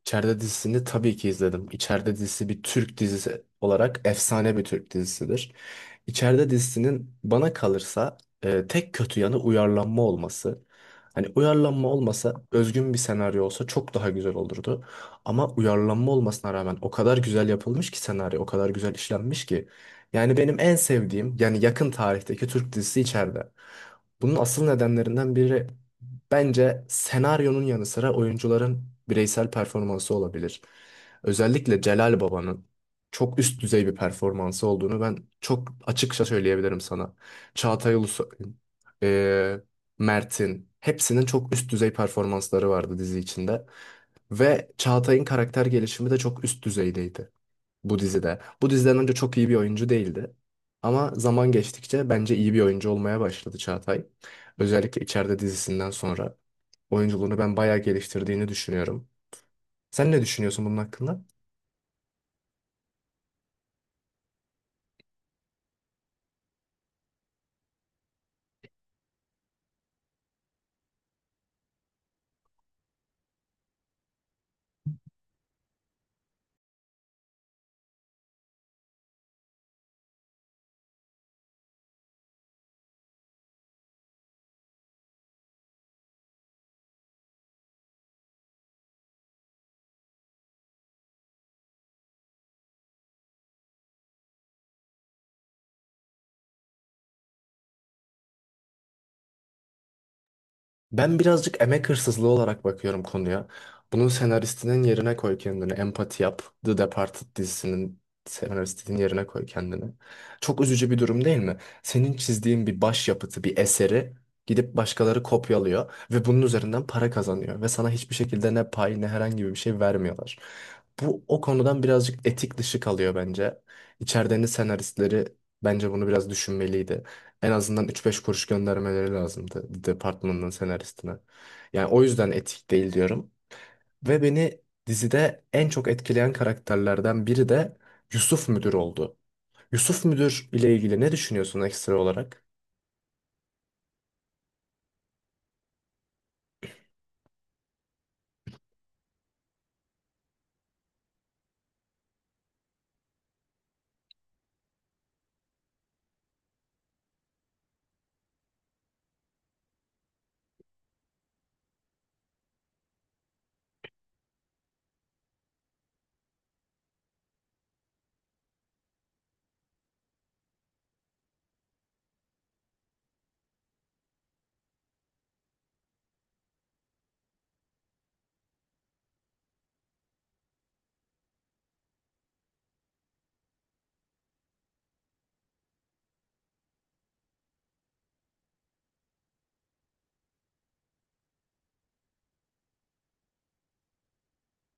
İçeride dizisini tabii ki izledim. İçeride dizisi bir Türk dizisi olarak efsane bir Türk dizisidir. İçeride dizisinin bana kalırsa tek kötü yanı uyarlanma olması. Hani uyarlanma olmasa özgün bir senaryo olsa çok daha güzel olurdu. Ama uyarlanma olmasına rağmen o kadar güzel yapılmış ki senaryo, o kadar güzel işlenmiş ki. Yani benim en sevdiğim yani yakın tarihteki Türk dizisi içeride. Bunun asıl nedenlerinden biri bence senaryonun yanı sıra oyuncuların bireysel performansı olabilir. Özellikle Celal Baba'nın çok üst düzey bir performansı olduğunu ben çok açıkça söyleyebilirim sana. Çağatay Ulusoy, e, Mert'in hepsinin çok üst düzey performansları vardı dizi içinde. Ve Çağatay'ın karakter gelişimi de çok üst düzeydeydi bu dizide. Bu diziden önce çok iyi bir oyuncu değildi. Ama zaman geçtikçe bence iyi bir oyuncu olmaya başladı Çağatay. Özellikle içeride dizisinden sonra oyunculuğunu ben bayağı geliştirdiğini düşünüyorum. Sen ne düşünüyorsun bunun hakkında? Ben birazcık emek hırsızlığı olarak bakıyorum konuya. Bunun senaristinin yerine koy kendini. Empati yap. The Departed dizisinin senaristinin yerine koy kendini. Çok üzücü bir durum değil mi? Senin çizdiğin bir başyapıtı, bir eseri gidip başkaları kopyalıyor ve bunun üzerinden para kazanıyor ve sana hiçbir şekilde ne pay ne herhangi bir şey vermiyorlar. Bu o konudan birazcık etik dışı kalıyor bence. İçerideki senaristleri bence bunu biraz düşünmeliydi. En azından üç beş kuruş göndermeleri lazımdı departmanın senaristine. Yani o yüzden etik değil diyorum. Ve beni dizide en çok etkileyen karakterlerden biri de Yusuf Müdür oldu. Yusuf Müdür ile ilgili ne düşünüyorsun ekstra olarak?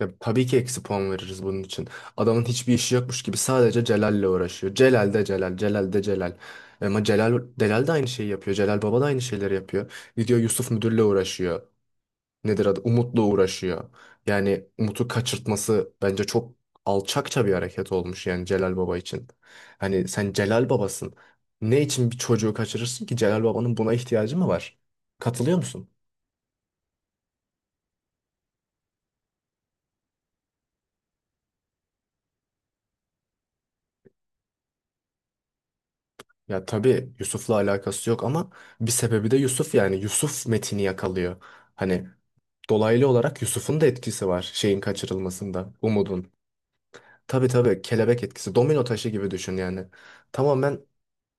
Ya, tabii ki eksi puan veririz bunun için. Adamın hiçbir işi yokmuş gibi sadece Celal'le uğraşıyor. Celal de Celal, Celal de Celal. Ama Celal, Delal de aynı şeyi yapıyor. Celal Baba da aynı şeyleri yapıyor. Gidiyor Yusuf Müdür'le uğraşıyor. Nedir adı, Umut'la uğraşıyor. Yani Umut'u kaçırtması bence çok alçakça bir hareket olmuş yani Celal Baba için. Hani sen Celal Babasın. Ne için bir çocuğu kaçırırsın ki, Celal Baba'nın buna ihtiyacı mı var? Katılıyor musun? Ya tabii Yusuf'la alakası yok ama bir sebebi de Yusuf, yani Yusuf Metin'i yakalıyor. Hani dolaylı olarak Yusuf'un da etkisi var şeyin kaçırılmasında, Umud'un. Tabii tabii kelebek etkisi, domino taşı gibi düşün yani. Tamamen.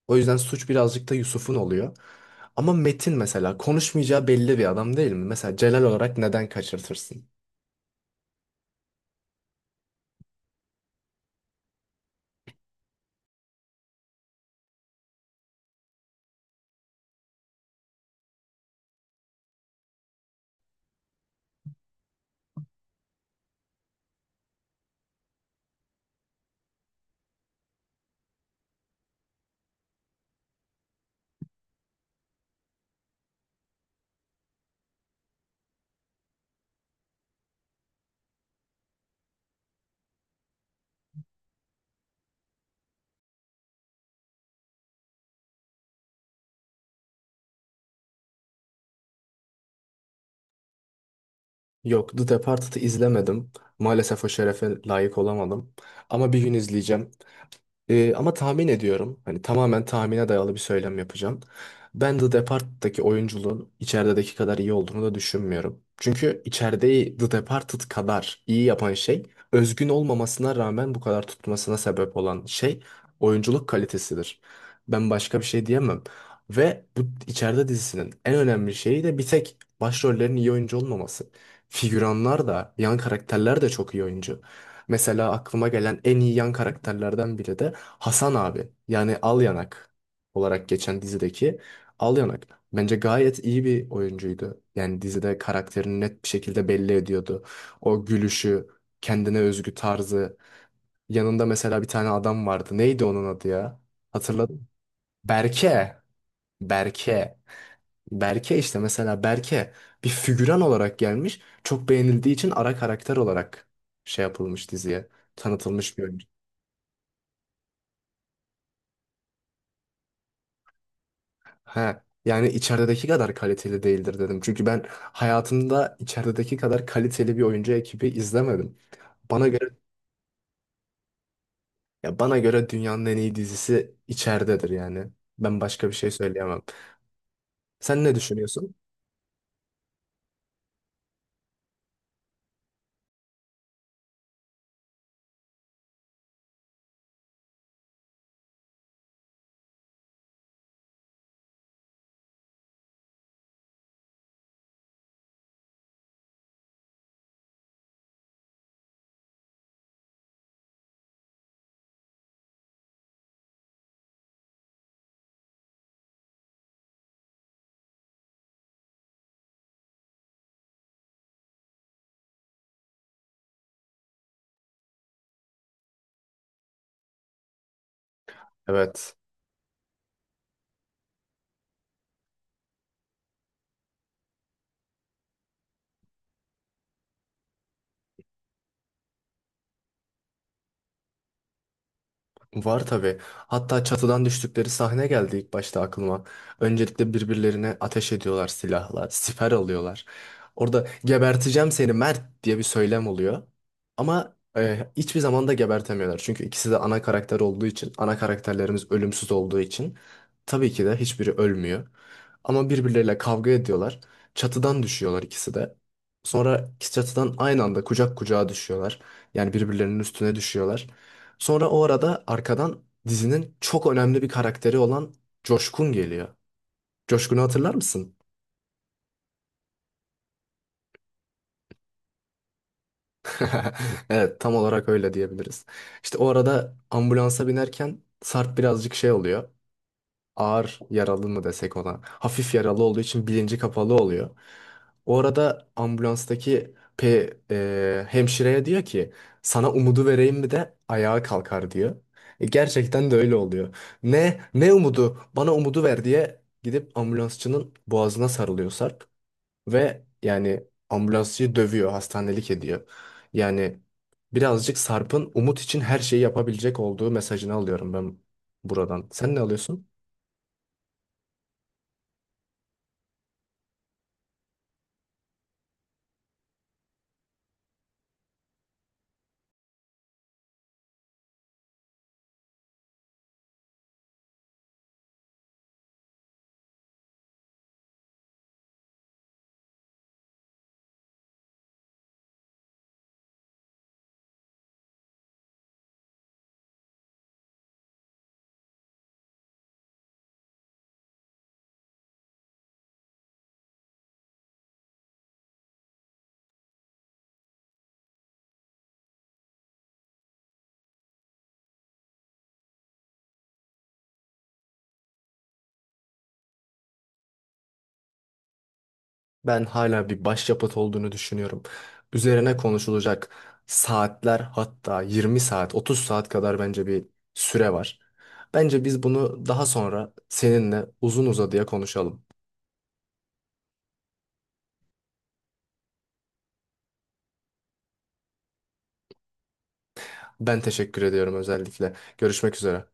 O yüzden suç birazcık da Yusuf'un oluyor. Ama Metin mesela konuşmayacağı belli bir adam değil mi? Mesela Celal olarak neden kaçırtırsın? Yok, The Departed'ı izlemedim. Maalesef o şerefe layık olamadım. Ama bir gün izleyeceğim. Ama tahmin ediyorum. Hani tamamen tahmine dayalı bir söylem yapacağım. Ben The Departed'daki oyunculuğun içerideki kadar iyi olduğunu da düşünmüyorum. Çünkü içerideyi The Departed kadar iyi yapan şey, özgün olmamasına rağmen bu kadar tutmasına sebep olan şey oyunculuk kalitesidir. Ben başka bir şey diyemem. Ve bu içeride dizisinin en önemli şeyi de bir tek başrollerin iyi oyuncu olmaması. Figüranlar da, yan karakterler de çok iyi oyuncu. Mesela aklıma gelen en iyi yan karakterlerden biri de Hasan abi. Yani Al Yanak olarak geçen dizideki Al Yanak. Bence gayet iyi bir oyuncuydu. Yani dizide karakterini net bir şekilde belli ediyordu. O gülüşü, kendine özgü tarzı. Yanında mesela bir tane adam vardı. Neydi onun adı ya? Hatırladın mı? Berke. Berke. Berke işte, mesela Berke, bir figüran olarak gelmiş. Çok beğenildiği için ara karakter olarak şey yapılmış, diziye tanıtılmış bir oyuncu. He. Yani içerideki kadar kaliteli değildir dedim. Çünkü ben hayatımda içerideki kadar kaliteli bir oyuncu ekibi izlemedim. Bana göre, ya bana göre dünyanın en iyi dizisi içeridedir yani. Ben başka bir şey söyleyemem. Sen ne düşünüyorsun? Evet. Var tabii. Hatta çatıdan düştükleri sahne geldi ilk başta aklıma. Öncelikle birbirlerine ateş ediyorlar silahla, siper alıyorlar. Orada geberteceğim seni Mert diye bir söylem oluyor. Ama hiçbir zaman da gebertemiyorlar. Çünkü ikisi de ana karakter olduğu için, ana karakterlerimiz ölümsüz olduğu için tabii ki de hiçbiri ölmüyor. Ama birbirleriyle kavga ediyorlar. Çatıdan düşüyorlar ikisi de. Sonra çatıdan aynı anda kucak kucağa düşüyorlar. Yani birbirlerinin üstüne düşüyorlar. Sonra o arada arkadan dizinin çok önemli bir karakteri olan Coşkun geliyor. Coşkun'u hatırlar mısın? Evet, tam olarak öyle diyebiliriz. İşte o arada ambulansa binerken Sarp birazcık şey oluyor, ağır yaralı mı desek ona. Hafif yaralı olduğu için bilinci kapalı oluyor. O arada ambulanstaki hemşireye diyor ki sana umudu vereyim mi de ayağa kalkar diyor. Gerçekten de öyle oluyor. Ne ne umudu? Bana umudu ver diye gidip ambulansçının boğazına sarılıyor Sarp ve yani ambulansçıyı dövüyor, hastanelik ediyor. Yani birazcık Sarp'ın umut için her şeyi yapabilecek olduğu mesajını alıyorum ben buradan. Sen ne alıyorsun? Ben hala bir başyapıt olduğunu düşünüyorum. Üzerine konuşulacak saatler, hatta 20 saat, 30 saat kadar bence bir süre var. Bence biz bunu daha sonra seninle uzun uzadıya konuşalım. Ben teşekkür ediyorum özellikle. Görüşmek üzere.